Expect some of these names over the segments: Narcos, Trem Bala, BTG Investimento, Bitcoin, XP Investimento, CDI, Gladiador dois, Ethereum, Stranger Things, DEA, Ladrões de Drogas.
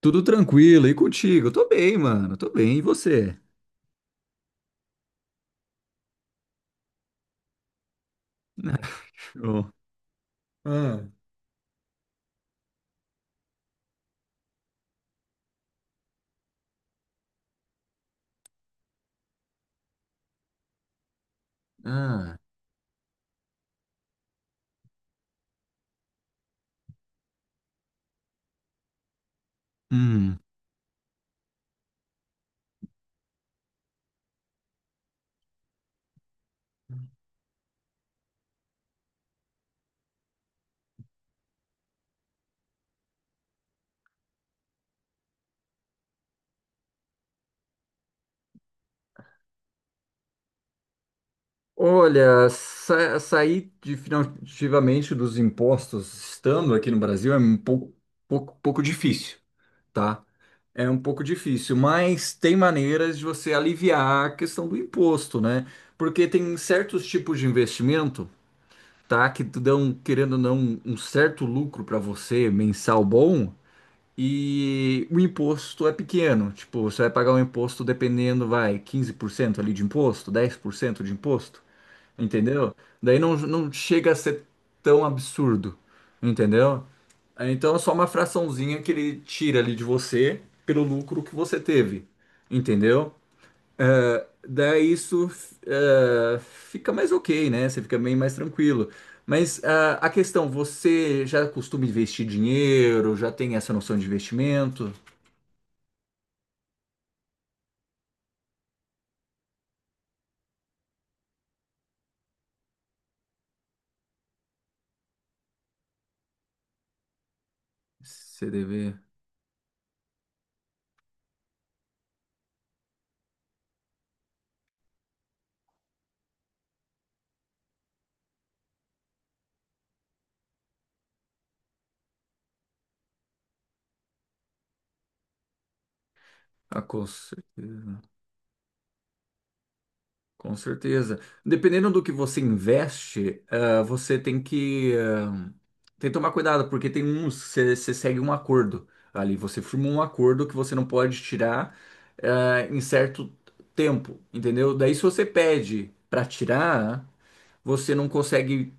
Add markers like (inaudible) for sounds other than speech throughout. Tudo tranquilo, e contigo? Tô bem, mano, tô bem, e você? Ô. Ah. Ah. Hum. Olha, sa sair de- definitivamente dos impostos estando aqui no Brasil é um pouco difícil, tá? É um pouco difícil, mas tem maneiras de você aliviar a questão do imposto, né? Porque tem certos tipos de investimento, tá. Que dão, querendo ou não, um certo lucro para você mensal bom. E o imposto é pequeno, tipo, você vai pagar um imposto dependendo, vai, 15% ali de imposto, 10% de imposto, entendeu? Daí não, não chega a ser tão absurdo, entendeu? Então é só uma fraçãozinha que ele tira ali de você pelo lucro que você teve, entendeu? Daí isso fica mais ok, né? Você fica bem mais tranquilo. Mas a questão, você já costuma investir dinheiro, já tem essa noção de investimento? CDB. Ah, com certeza. Com certeza. Dependendo do que você investe, você tem que tomar cuidado, porque tem uns, você segue um acordo ali, você firma um acordo que você não pode tirar, em certo tempo, entendeu? Daí se você pede para tirar, você não consegue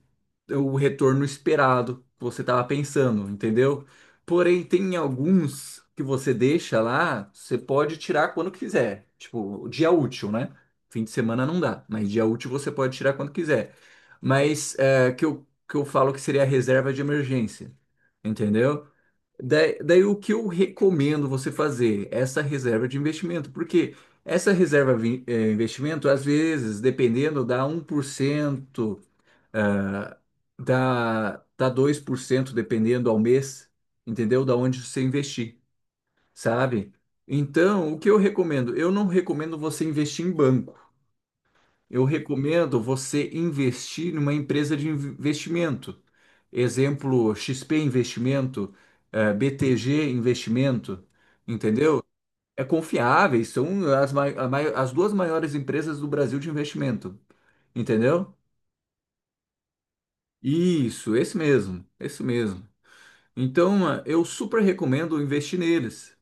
o retorno esperado que você estava pensando, entendeu? Porém, tem alguns que você deixa lá, você pode tirar quando quiser. Tipo, dia útil, né? Fim de semana não dá, mas dia útil você pode tirar quando quiser. Mas é, que eu falo que seria a reserva de emergência, entendeu? Daí o que eu recomendo você fazer? Essa reserva de investimento, porque essa reserva de investimento, às vezes, dependendo, dá 1%, né? Dá, 2% dependendo ao mês, entendeu? Da onde você investir, sabe? Então, o que eu recomendo? Eu não recomendo você investir em banco. Eu recomendo você investir numa empresa de investimento. Exemplo, XP Investimento, BTG Investimento, entendeu? É confiáveis, são as duas maiores empresas do Brasil de investimento, entendeu? Isso, esse mesmo, esse mesmo. Então, eu super recomendo investir neles,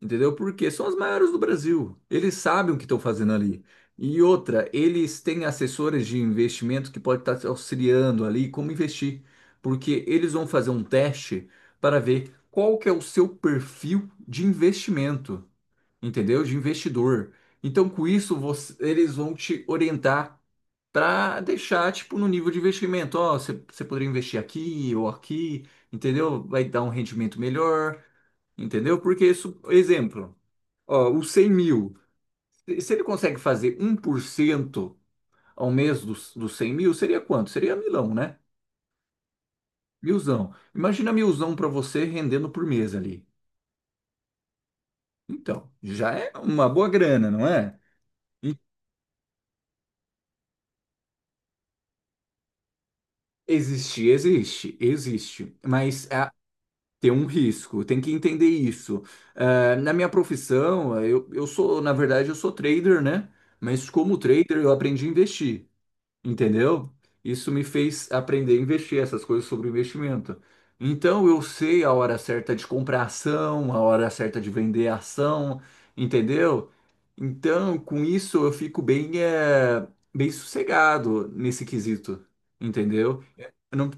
entendeu? Porque são as maiores do Brasil. Eles sabem o que estão fazendo ali. E outra, eles têm assessores de investimento que podem estar te auxiliando ali como investir, porque eles vão fazer um teste para ver qual que é o seu perfil de investimento, entendeu? De investidor. Então, com isso, eles vão te orientar para deixar, tipo, no nível de investimento. Ó, você poderia investir aqui ou aqui, entendeu? Vai dar um rendimento melhor, entendeu? Porque isso, exemplo, ó, os 100 mil, se ele consegue fazer 1% ao mês dos 100 mil, seria quanto? Seria milão, né? Milzão. Imagina milzão para você rendendo por mês ali. Então, já é uma boa grana, não é? E existe, existe, existe. Mas a Tem um risco, tem que entender isso. Na minha profissão, eu sou, na verdade, eu sou trader, né? Mas como trader, eu aprendi a investir, entendeu? Isso me fez aprender a investir, essas coisas sobre investimento. Então, eu sei a hora certa de comprar ação, a hora certa de vender ação, entendeu? Então, com isso, eu fico bem, bem sossegado nesse quesito, entendeu? Eu não,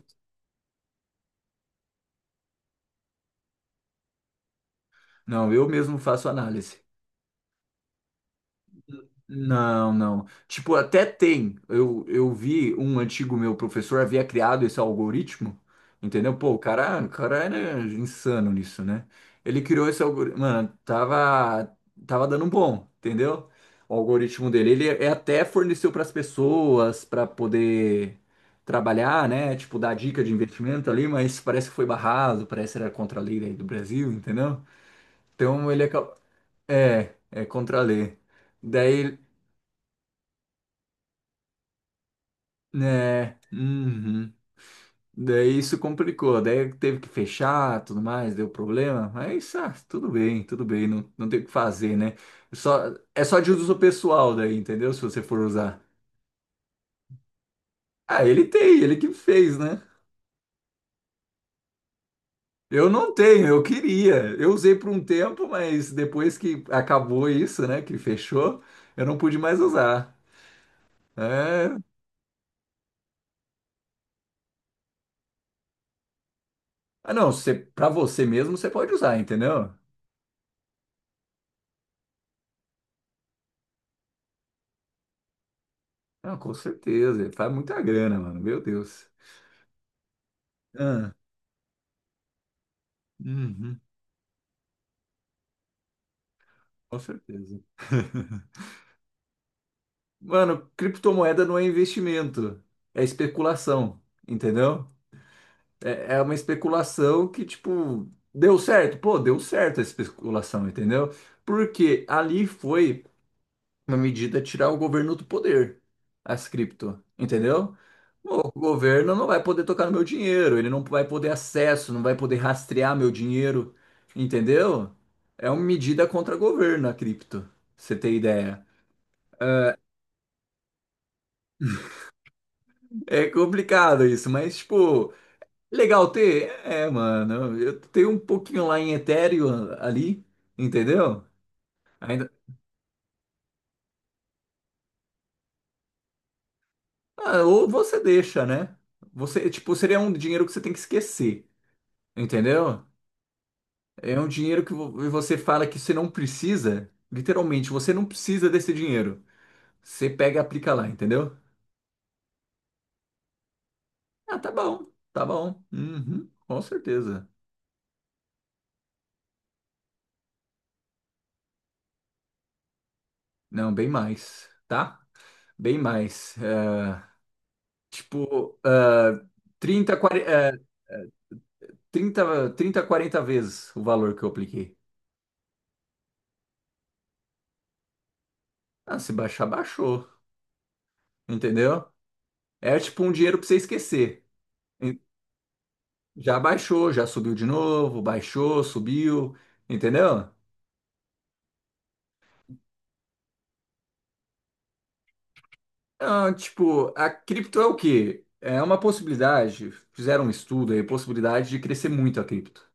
não, eu mesmo faço análise. Não, não. Tipo, até tem. Eu vi um antigo meu professor havia criado esse algoritmo, entendeu? Pô, o cara era insano nisso, né? Ele criou esse algoritmo. Mano, tava dando bom, entendeu? O algoritmo dele. Ele até forneceu para as pessoas para poder trabalhar, né? Tipo, dar dica de investimento ali, mas parece que foi barrado, parece que era contra a lei aí do Brasil, entendeu? Então ele acabou. É, é contra a lei. Daí. É, uhum. Daí isso complicou, daí teve que fechar, tudo mais, deu problema, mas tudo bem, não, não tem o que fazer, né? É só de uso pessoal daí, entendeu? Se você for usar. Ah, ele tem, ele que fez, né? Eu não tenho, eu queria. Eu usei por um tempo, mas depois que acabou isso, né, que fechou, eu não pude mais usar. É. Ah, não, pra você mesmo você pode usar, entendeu? Ah, com certeza, faz muita grana, mano, meu Deus. Ah. Uhum, com certeza. (laughs) Mano, criptomoeda não é investimento, é especulação, entendeu? É, é uma especulação que, tipo, deu certo. Pô, deu certo essa especulação, entendeu? Porque ali foi uma medida tirar o governo do poder, as cripto, entendeu? O governo não vai poder tocar no meu dinheiro, ele não vai poder acesso, não vai poder rastrear meu dinheiro, entendeu? É uma medida contra o governo, a cripto, pra você ter ideia. É complicado isso, mas, tipo, legal ter? É, mano, eu tenho um pouquinho lá em Ethereum ali, entendeu? Ainda. Ah, ou você deixa, né? Você, tipo, seria um dinheiro que você tem que esquecer, entendeu? É um dinheiro que você fala que você não precisa, literalmente, você não precisa desse dinheiro. Você pega e aplica lá, entendeu? Ah, tá bom, tá bom. Uhum, com certeza. Não, bem mais, tá? Bem mais. Eh, tipo, 30 40, 30, 30, 40 vezes o valor que eu apliquei. Ah, se baixar, baixou. Entendeu? É tipo um dinheiro pra você esquecer. En- Já baixou, já subiu de novo, baixou, subiu. Entendeu? Ah, tipo, a cripto é o quê? É uma possibilidade. Fizeram um estudo aí, possibilidade de crescer muito a cripto.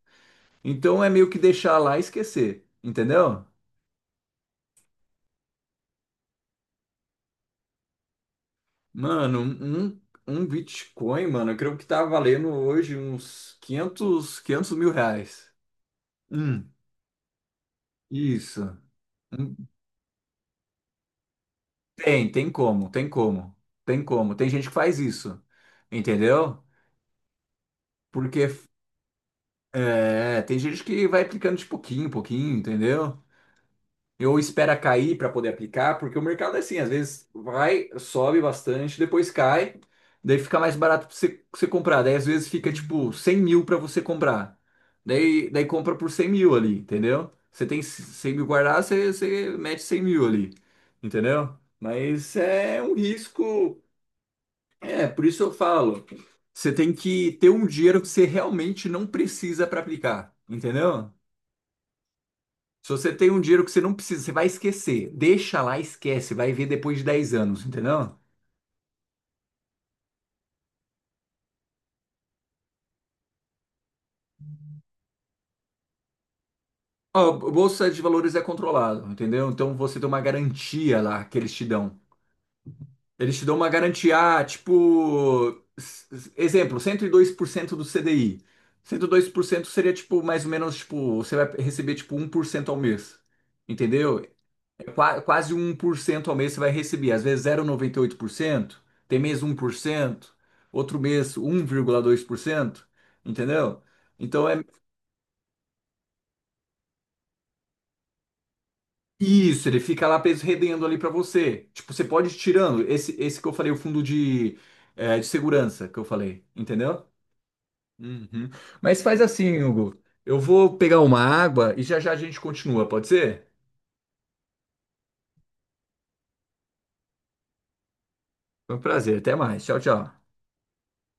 Então é meio que deixar lá e esquecer. Entendeu? Mano, um Bitcoin, mano, eu creio que tá valendo hoje uns 500 mil reais. Hum, isso. Hum. Tem, tem como, tem como, tem como. Tem gente que faz isso, entendeu? Porque é, tem gente que vai aplicando de pouquinho em pouquinho, entendeu? Eu espera cair para poder aplicar, porque o mercado é assim, às vezes vai, sobe bastante, depois cai, daí fica mais barato para você, pra você comprar, daí às vezes fica tipo 100 mil para você comprar, daí compra por 100 mil ali, entendeu? Você tem 100 mil guardado, você mete 100 mil ali, entendeu? Mas é um risco, é, por isso eu falo, você tem que ter um dinheiro que você realmente não precisa para aplicar, entendeu? Se você tem um dinheiro que você não precisa, você vai esquecer. Deixa lá, esquece, vai ver depois de 10 anos, entendeu? Ó, a bolsa de valores é controlado, entendeu? Então você tem uma garantia lá que eles te dão. Eles te dão uma garantia, tipo, exemplo, 102% do CDI. 102% seria tipo mais ou menos tipo, você vai receber tipo 1% ao mês. Entendeu? Quase 1% ao mês você vai receber. Às vezes 0,98%, tem mês 1%, outro mês 1,2%, entendeu? Então é isso, ele fica lá rendendo ali para você. Tipo, você pode ir tirando esse que eu falei, o fundo de segurança que eu falei, entendeu? Uhum. Mas faz assim, Hugo. Eu vou pegar uma água e já já a gente continua, pode ser? Foi um prazer, até mais. Tchau, tchau.